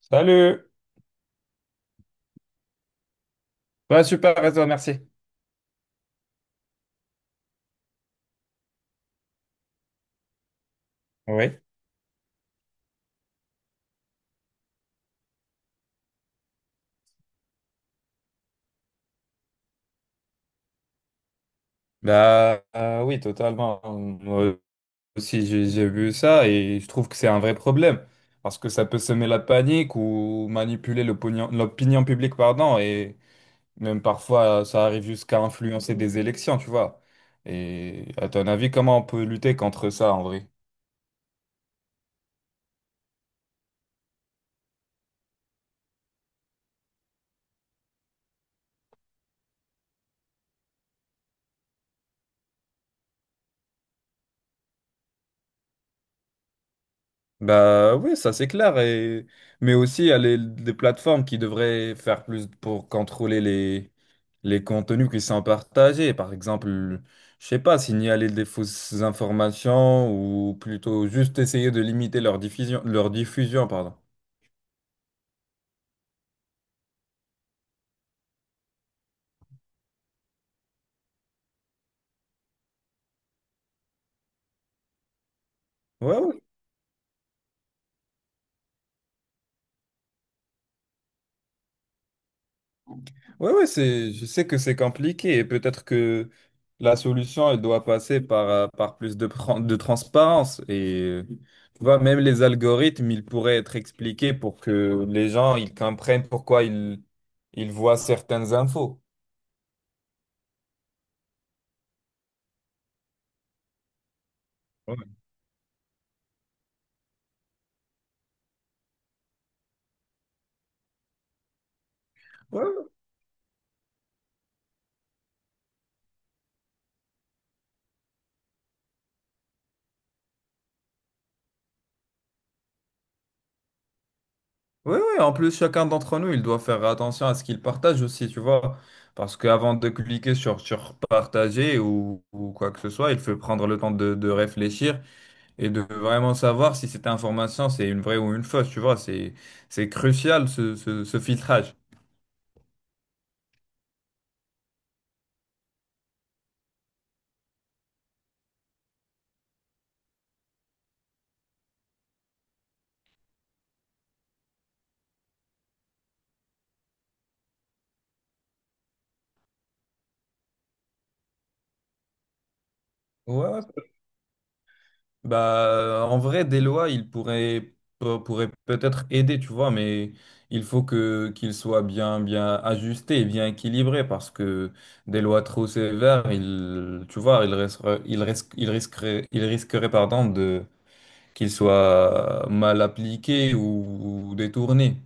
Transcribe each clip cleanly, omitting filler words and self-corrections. Salut! Ouais, super, et toi, merci. Oui. Oui, totalement. Moi aussi, j'ai vu ça et je trouve que c'est un vrai problème parce que ça peut semer la panique ou manipuler l'opinion publique, pardon, et même parfois ça arrive jusqu'à influencer des élections, tu vois. Et à ton avis, comment on peut lutter contre ça en vrai? Bah oui, ça c'est clair. Et... Mais aussi, il y a des plateformes qui devraient faire plus pour contrôler les contenus qui sont partagés. Par exemple, je sais pas, signaler des fausses informations ou plutôt juste essayer de limiter leur diffusion, pardon. Ouais, ouais. Ouais, ouais, c'est, je sais que c'est compliqué et peut-être que la solution, elle doit passer par, par plus de, de transparence. Et tu vois, même les algorithmes, ils pourraient être expliqués pour que les gens, ils comprennent pourquoi ils voient certaines infos. Ouais. Ouais, ouais, ouais. En plus, chacun d'entre nous, il doit faire attention à ce qu'il partage aussi, tu vois. Parce qu'avant de cliquer sur partager ou quoi que ce soit, il faut prendre le temps de réfléchir et de vraiment savoir si cette information c'est une vraie ou une fausse, tu vois, c'est crucial ce filtrage. Ouais, ouais. Bah en vrai des lois, ils pourraient peut-être aider, tu vois, mais il faut que qu'ils soient bien ajustés et bien équilibrés parce que des lois trop sévères, ils tu vois, ils risqueraient pardon de qu'ils soient mal appliqués ou détournés.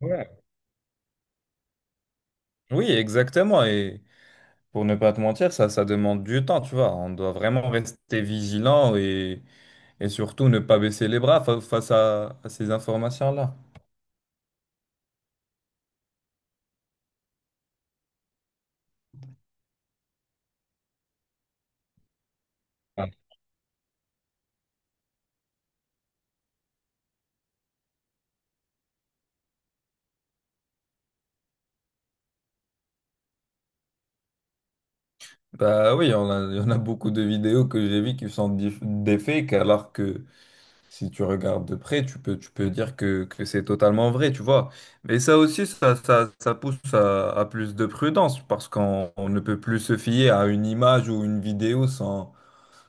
Ouais. Oui, exactement. Et pour ne pas te mentir, ça demande du temps, tu vois. On doit vraiment rester vigilant et surtout ne pas baisser les bras face à ces informations-là. Ah. Bah oui, il y en a beaucoup de vidéos que j'ai vues qui sont des fakes, alors que si tu regardes de près, tu peux dire que c'est totalement vrai, tu vois. Mais ça aussi, ça pousse à plus de prudence, parce qu'on on ne peut plus se fier à une image ou une vidéo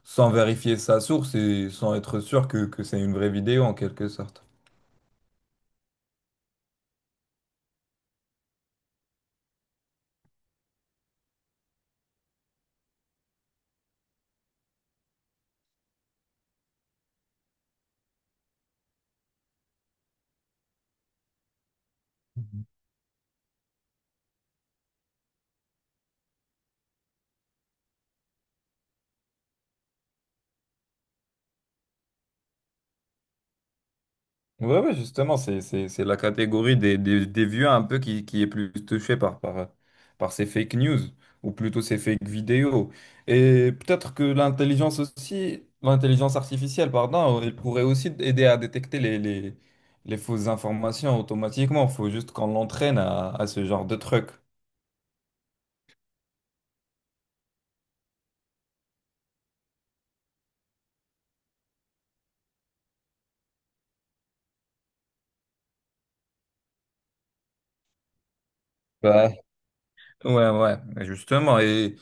sans vérifier sa source et sans être sûr que c'est une vraie vidéo en quelque sorte. Ouais, ouais, justement, c'est la catégorie des vieux un peu qui est plus touchée par ces fake news, ou plutôt ces fake vidéos. Et peut-être que l'intelligence aussi, l'intelligence artificielle, pardon, elle pourrait aussi aider à détecter les fausses informations automatiquement. Il faut juste qu'on l'entraîne à ce genre de truc. Ouais, ouais, ouais, justement. Et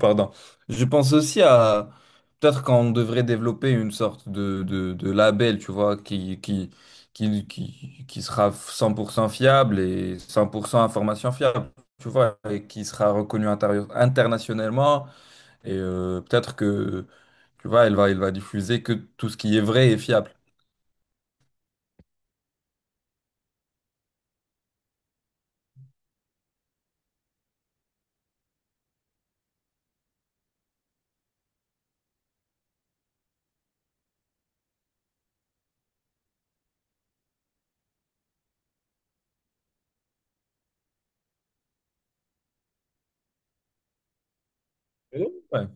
pardon, je pense aussi à peut-être qu'on devrait développer une sorte de label, tu vois, qui sera 100% fiable et 100% information fiable, tu vois, et qui sera reconnu internationalement. Et peut-être que, tu vois, elle va diffuser que tout ce qui est vrai et fiable. Ouais.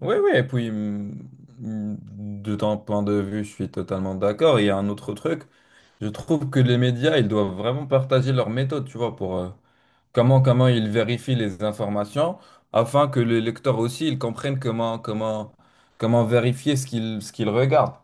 Oui, oui, et puis de ton point de vue, je suis totalement d'accord. Il y a un autre truc. Je trouve que les médias, ils doivent vraiment partager leur méthode, tu vois, pour comment, comment ils vérifient les informations, afin que les lecteurs aussi, ils comprennent comment vérifier ce ce qu'ils regardent.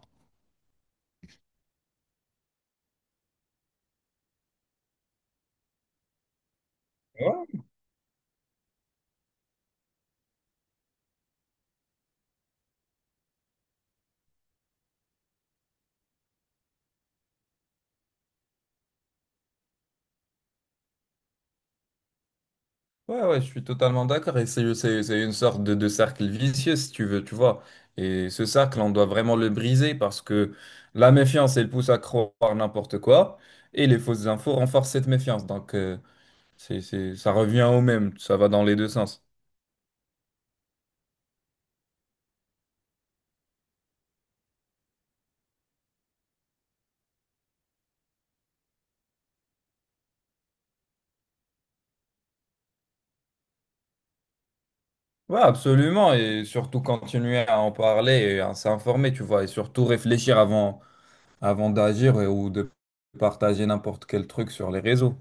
Ouais, ouais, je suis totalement d'accord. Et c'est une sorte de cercle vicieux, si tu veux, tu vois. Et ce cercle, on doit vraiment le briser parce que la méfiance, elle pousse à croire n'importe quoi. Et les fausses infos renforcent cette méfiance. Donc, ça revient au même. Ça va dans les deux sens. Ouais, absolument. Et surtout continuer à en parler et à s'informer, tu vois. Et surtout réfléchir avant d'agir ou de partager n'importe quel truc sur les réseaux.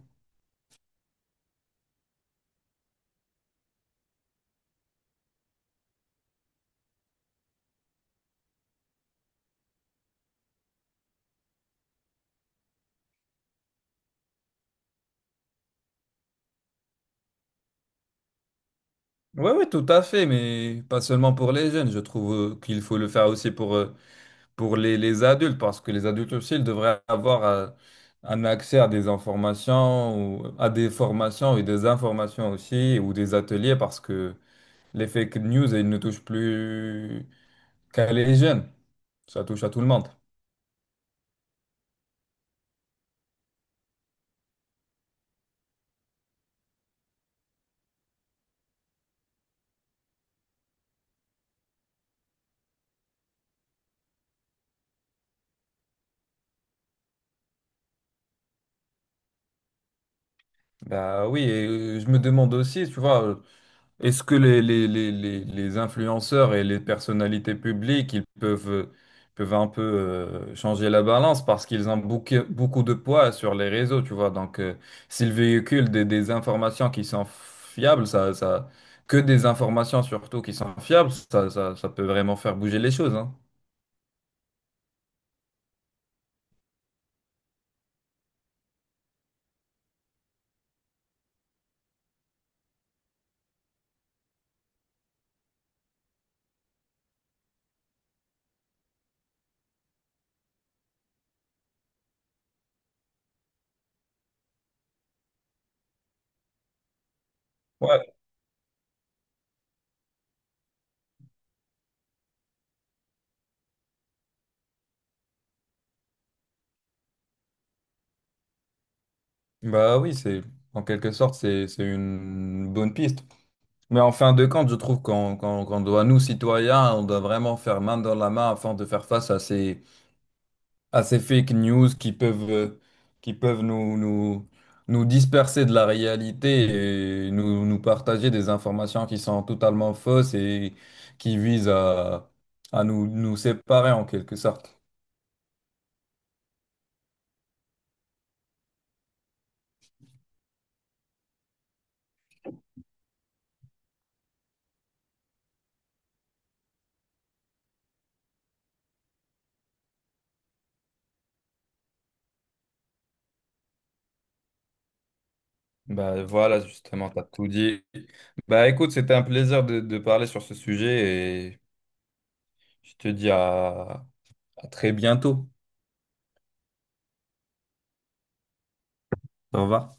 Oui, oui, tout à fait, mais pas seulement pour les jeunes. Je trouve qu'il faut le faire aussi pour les adultes, parce que les adultes aussi, ils devraient avoir un accès à des informations, ou à des formations et des informations aussi, ou des ateliers, parce que les fake news, ils ne touchent plus qu'à les jeunes. Ça touche à tout le monde. Bah oui, et je me demande aussi, tu vois. Est-ce que les influenceurs et les personnalités publiques, peuvent un peu changer la balance parce qu'ils ont beaucoup, beaucoup de poids sur les réseaux, tu vois. Donc, s'ils véhiculent des informations qui sont fiables, que des informations surtout qui sont fiables, ça peut vraiment faire bouger les choses, hein. Ouais, bah oui, c'est en quelque sorte, c'est une bonne piste. Mais en fin de compte, je trouve qu'on doit, nous, citoyens, on doit vraiment faire main dans la main afin de faire face à ces fake news qui peuvent nous disperser de la réalité et nous partager des informations qui sont totalement fausses et qui visent à nous séparer en quelque sorte. Bah voilà, justement, t'as tout dit. Bah écoute, c'était un plaisir de parler sur ce sujet et je te dis à très bientôt. Au revoir.